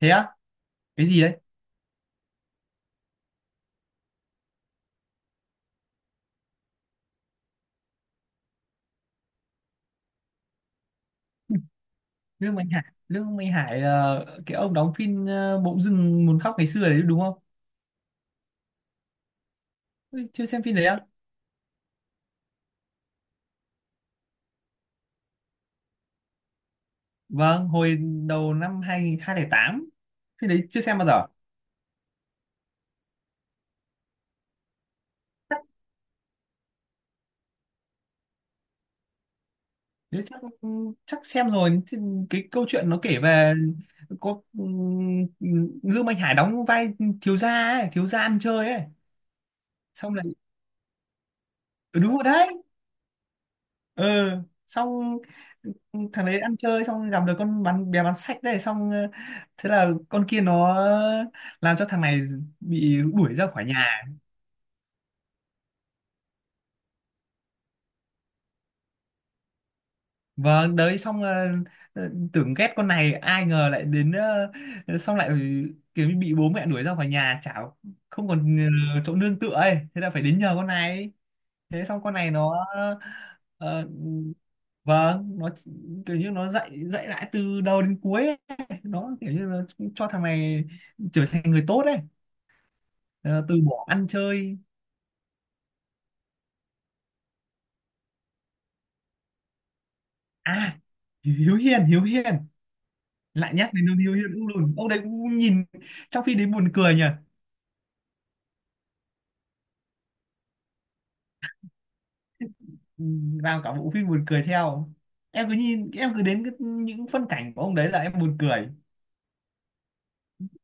Thế á? Cái gì đấy? Lương Minh Hải là cái ông đóng phim Bỗng dưng muốn khóc ngày xưa đấy, đúng không? Ui, chưa xem phim đấy á. Vâng, hồi đầu năm 2008, phim đấy chưa xem bao giờ. chắc nếu chắc ừ, Chắc xem rồi. Thì cái câu chuyện nó kể về có Lương Minh Hải đóng vai thiếu gia thiếu gia ăn chơi ấy, xong lại. Ừ, đúng rồi đấy. Ừ, xong. ừ, Thằng đấy ăn chơi xong gặp được con bé bán sách đấy, xong thế là con kia nó làm cho thằng này bị đuổi ra khỏi nhà. Vâng, đấy. Xong tưởng ghét con này ai ngờ lại đến xong lại kiểu như bị bố mẹ đuổi ra khỏi nhà, chả không còn chỗ nương tựa ấy, thế là phải đến nhờ con này. Thế xong con này nó ờ, vâng, nó kiểu như nó dạy dạy lại từ đầu đến cuối ấy. Nó kiểu như là cho thằng này trở thành người tốt đấy. Ờ, từ bỏ ăn chơi. À, Hiếu Hiền. Hiếu Hiền lại nhắc đến ông Hiếu Hiền cũng luôn, ông đấy cũng nhìn trong phim đấy buồn cười nhỉ. Ừ, làm cả bộ phim buồn cười theo. Em cứ nhìn em cứ đến cái, những phân cảnh của ông đấy là em buồn cười.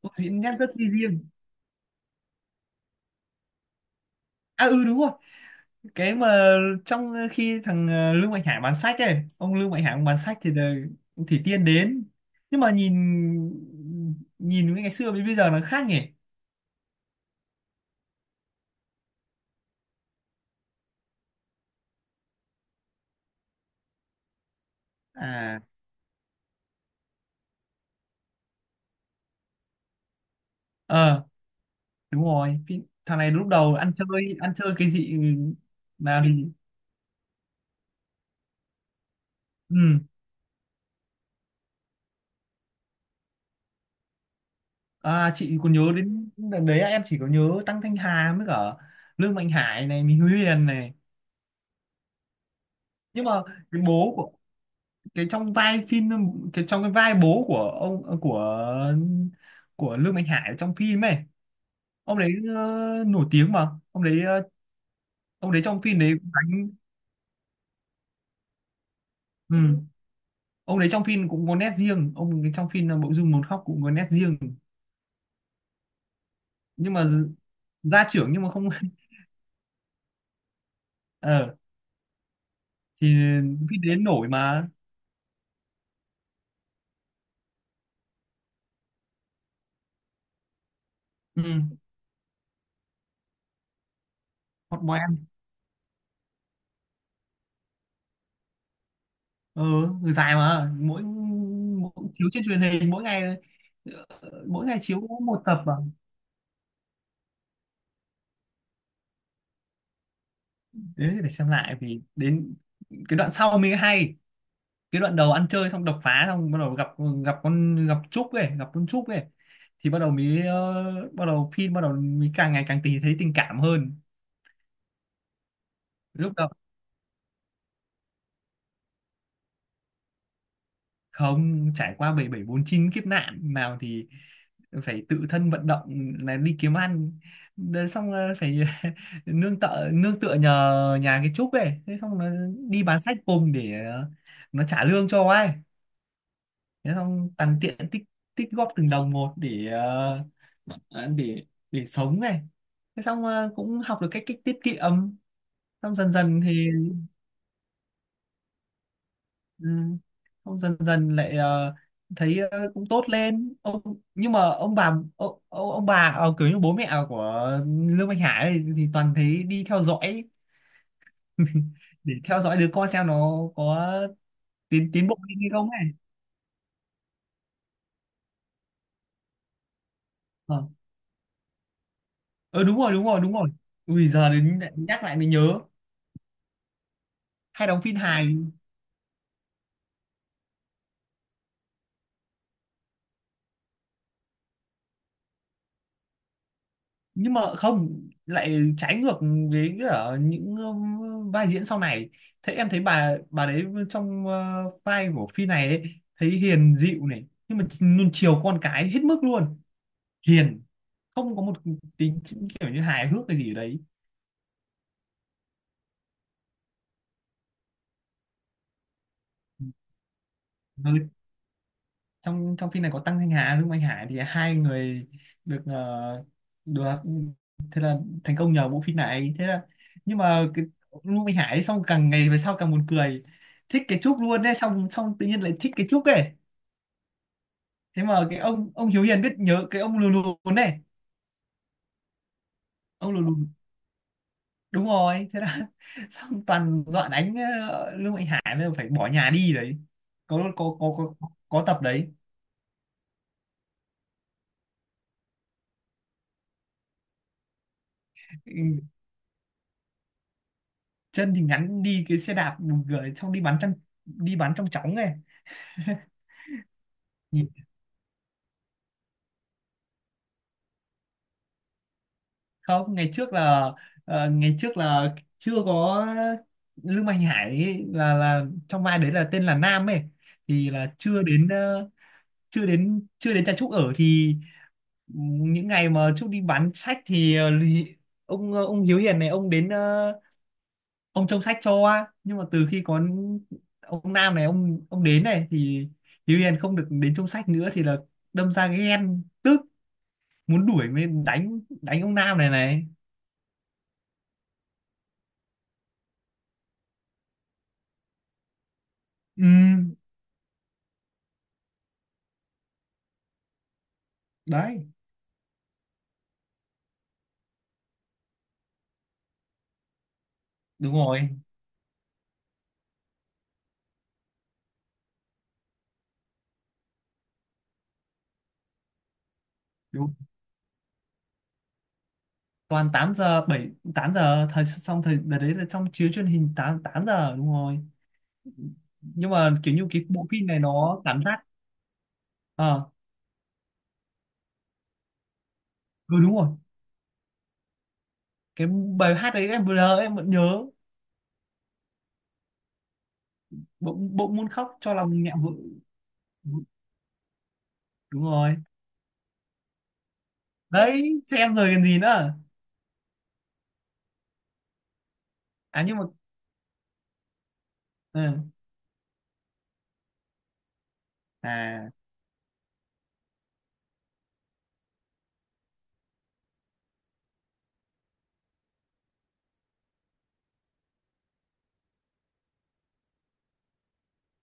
Ông diễn nét rất chi riêng. À, ừ đúng rồi. Cái mà trong khi thằng Lương Mạnh Hải bán sách ấy, ông Lương Mạnh Hải ông bán sách thì là ông Thủy Tiên đến. Nhưng mà nhìn nhìn với ngày xưa với bây giờ nó khác nhỉ. À, ờ đúng rồi. Cái thằng này lúc đầu ăn chơi cái gì nào thì ừ. À, chị còn nhớ đến đợt đấy em chỉ có nhớ Tăng Thanh Hà với cả Lương Mạnh Hải này, Mình Huyền này. Nhưng mà cái bố của, cái trong vai phim, cái trong cái vai bố của ông, của Lương Mạnh Hải trong phim ấy. Ông đấy nổi tiếng mà. Ông đấy trong phim đấy cũng đánh. Ừ. Ông đấy trong phim cũng có nét riêng. Ông ấy trong phim là Mộ Dung Một Khóc cũng có nét riêng. Nhưng mà gia trưởng, nhưng mà không. Ờ, thì phim đến nổi mà. Ừ. Hot Boy ăn. ờ Người dài mà, mỗi chiếu trên truyền hình mỗi ngày. ờ, Mỗi ngày chiếu có một tập à? Đấy thì phải xem lại vì đến cái đoạn sau mới hay. Cái đoạn đầu ăn chơi xong đập phá xong bắt đầu gặp gặp con gặp Trúc ấy gặp con Trúc ấy. Thì bắt đầu mới ờ, bắt đầu phim bắt đầu mới càng ngày càng tì thấy tình cảm hơn. Lúc đầu không trải qua bảy bảy bốn chín kiếp nạn nào thì phải tự thân vận động là đi kiếm ăn. Đến xong là phải nương tựa nhờ nhà cái Trúc ấy. Thế xong nó đi bán sách cùng để nó trả lương cho ai. Thế xong tăng tiện tích tích góp từng đồng một ờ, để để sống này. Thế xong cũng học được cách cách tiết kiệm. Xong dần dần thì ừ, xong dần dần lại thấy cũng tốt lên ông. Nhưng mà ông bà, bà kiểu như bố mẹ của Lương Mạnh Hải ấy, thì toàn thấy đi theo dõi để theo dõi đứa con xem nó có tiến tiến bộ hay không ấy. Ờ, ừ đúng rồi, đúng rồi, đúng rồi. Ui, giờ đến nhắc lại mới nhớ. Hay đóng phim hài nhưng mà không lại trái ngược với cả những vai diễn sau này. Thế em thấy bà đấy trong vai của phi này ấy, thấy hiền dịu này nhưng mà luôn chiều con cái hết mức luôn. Hiền, không có một tính kiểu như hài hước cái gì ở đấy. Ừ, trong trong phim này có Tăng Thanh Hà với Anh Hải thì hai người được ờ, được thành công nhờ bộ phim này. Thế là, nhưng mà cái Ngô Minh Hải xong càng ngày về sau càng buồn cười, thích cái Trúc luôn đấy. Xong xong tự nhiên lại thích cái Trúc ấy. Thế mà cái ông Hiếu Hiền biết nhớ cái ông lù lù này, ông lù lù đúng rồi. Thế là xong toàn dọa đánh, Lương Mạnh Hải mới phải bỏ nhà đi đấy. Có, có tập đấy. Ừ, chân thì ngắn, đi cái xe đạp buồn cười, xong đi bắn trong chóng này. Không, ngày trước là chưa có Lương Mạnh Hải ấy, là trong vai đấy là tên là Nam ấy. Thì là chưa đến ờ, chưa đến chưa đến cha Trúc ở thì, những ngày mà Trúc đi bán sách thì, ông Hiếu Hiền này ông trông sách cho. Nhưng mà từ khi có ông Nam này, ông đến này thì Hiếu Hiền không được đến trông sách nữa, thì là đâm ra ghen tức muốn đuổi, mới đánh đánh ông Nam này này. Ừ đấy, đúng rồi, đúng. Toàn 8 giờ, 7 8 giờ, thời đợt đấy là xong chiếu truyền hình 8 8 giờ đúng rồi. Nhưng mà kiểu như cái bộ phim này nó cảm giác ờ, ừ đúng rồi. Cái bài hát đấy em vừa nhớ em vẫn nhớ. Bỗng bỗng muốn khóc cho lòng nhẹ vội. Đúng rồi đấy, xem rồi còn gì nữa. À, nhưng mà ừ. À,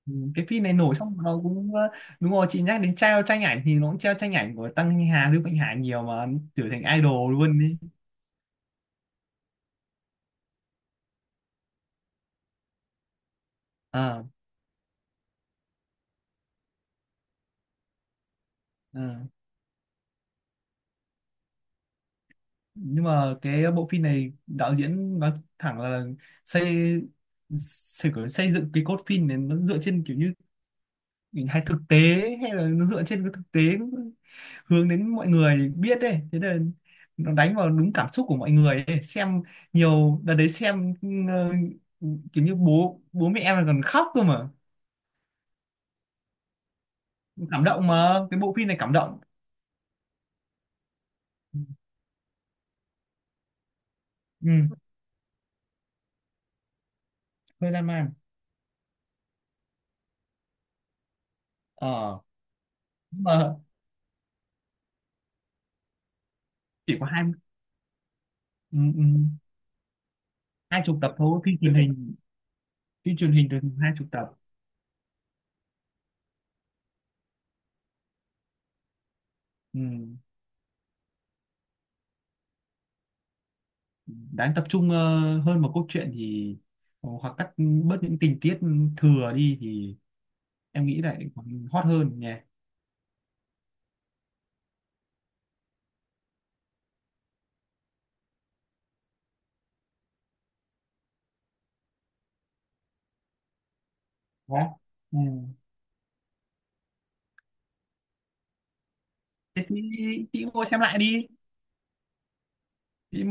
ừ, cái phim này nổi xong nó cũng đúng rồi. Chị nhắc đến treo tranh ảnh thì nó cũng treo tranh ảnh của Tăng Hà Lưu Mạnh Hà nhiều mà, trở thành idol luôn đi. Ờ, ừ. Nhưng mà cái bộ phim này đạo diễn nói thẳng là xây xây, xây dựng cái cốt phim này nó dựa trên kiểu như hình hài thực tế ấy, hay là nó dựa trên cái thực tế hướng đến mọi người biết đấy, thế nên nó đánh vào đúng cảm xúc của mọi người ấy. Xem nhiều đợt đấy xem ờ, kiểu như bố bố mẹ em là còn khóc cơ mà. Cảm động mà, cái bộ phim này cảm động. Ừ, hơi lan man. Ờ, nhưng mà chỉ có hai. Ừ, ừ, hai chục tập thôi. Phim truyền hình từ hai chục tập. Ừ. Đáng tập trung hơn vào cốt truyện thì hoặc cắt bớt những tình tiết thừa đi thì em nghĩ lại còn hot hơn nhỉ. Đó, ừ. Thế thì, chị mua xem lại đi. Chị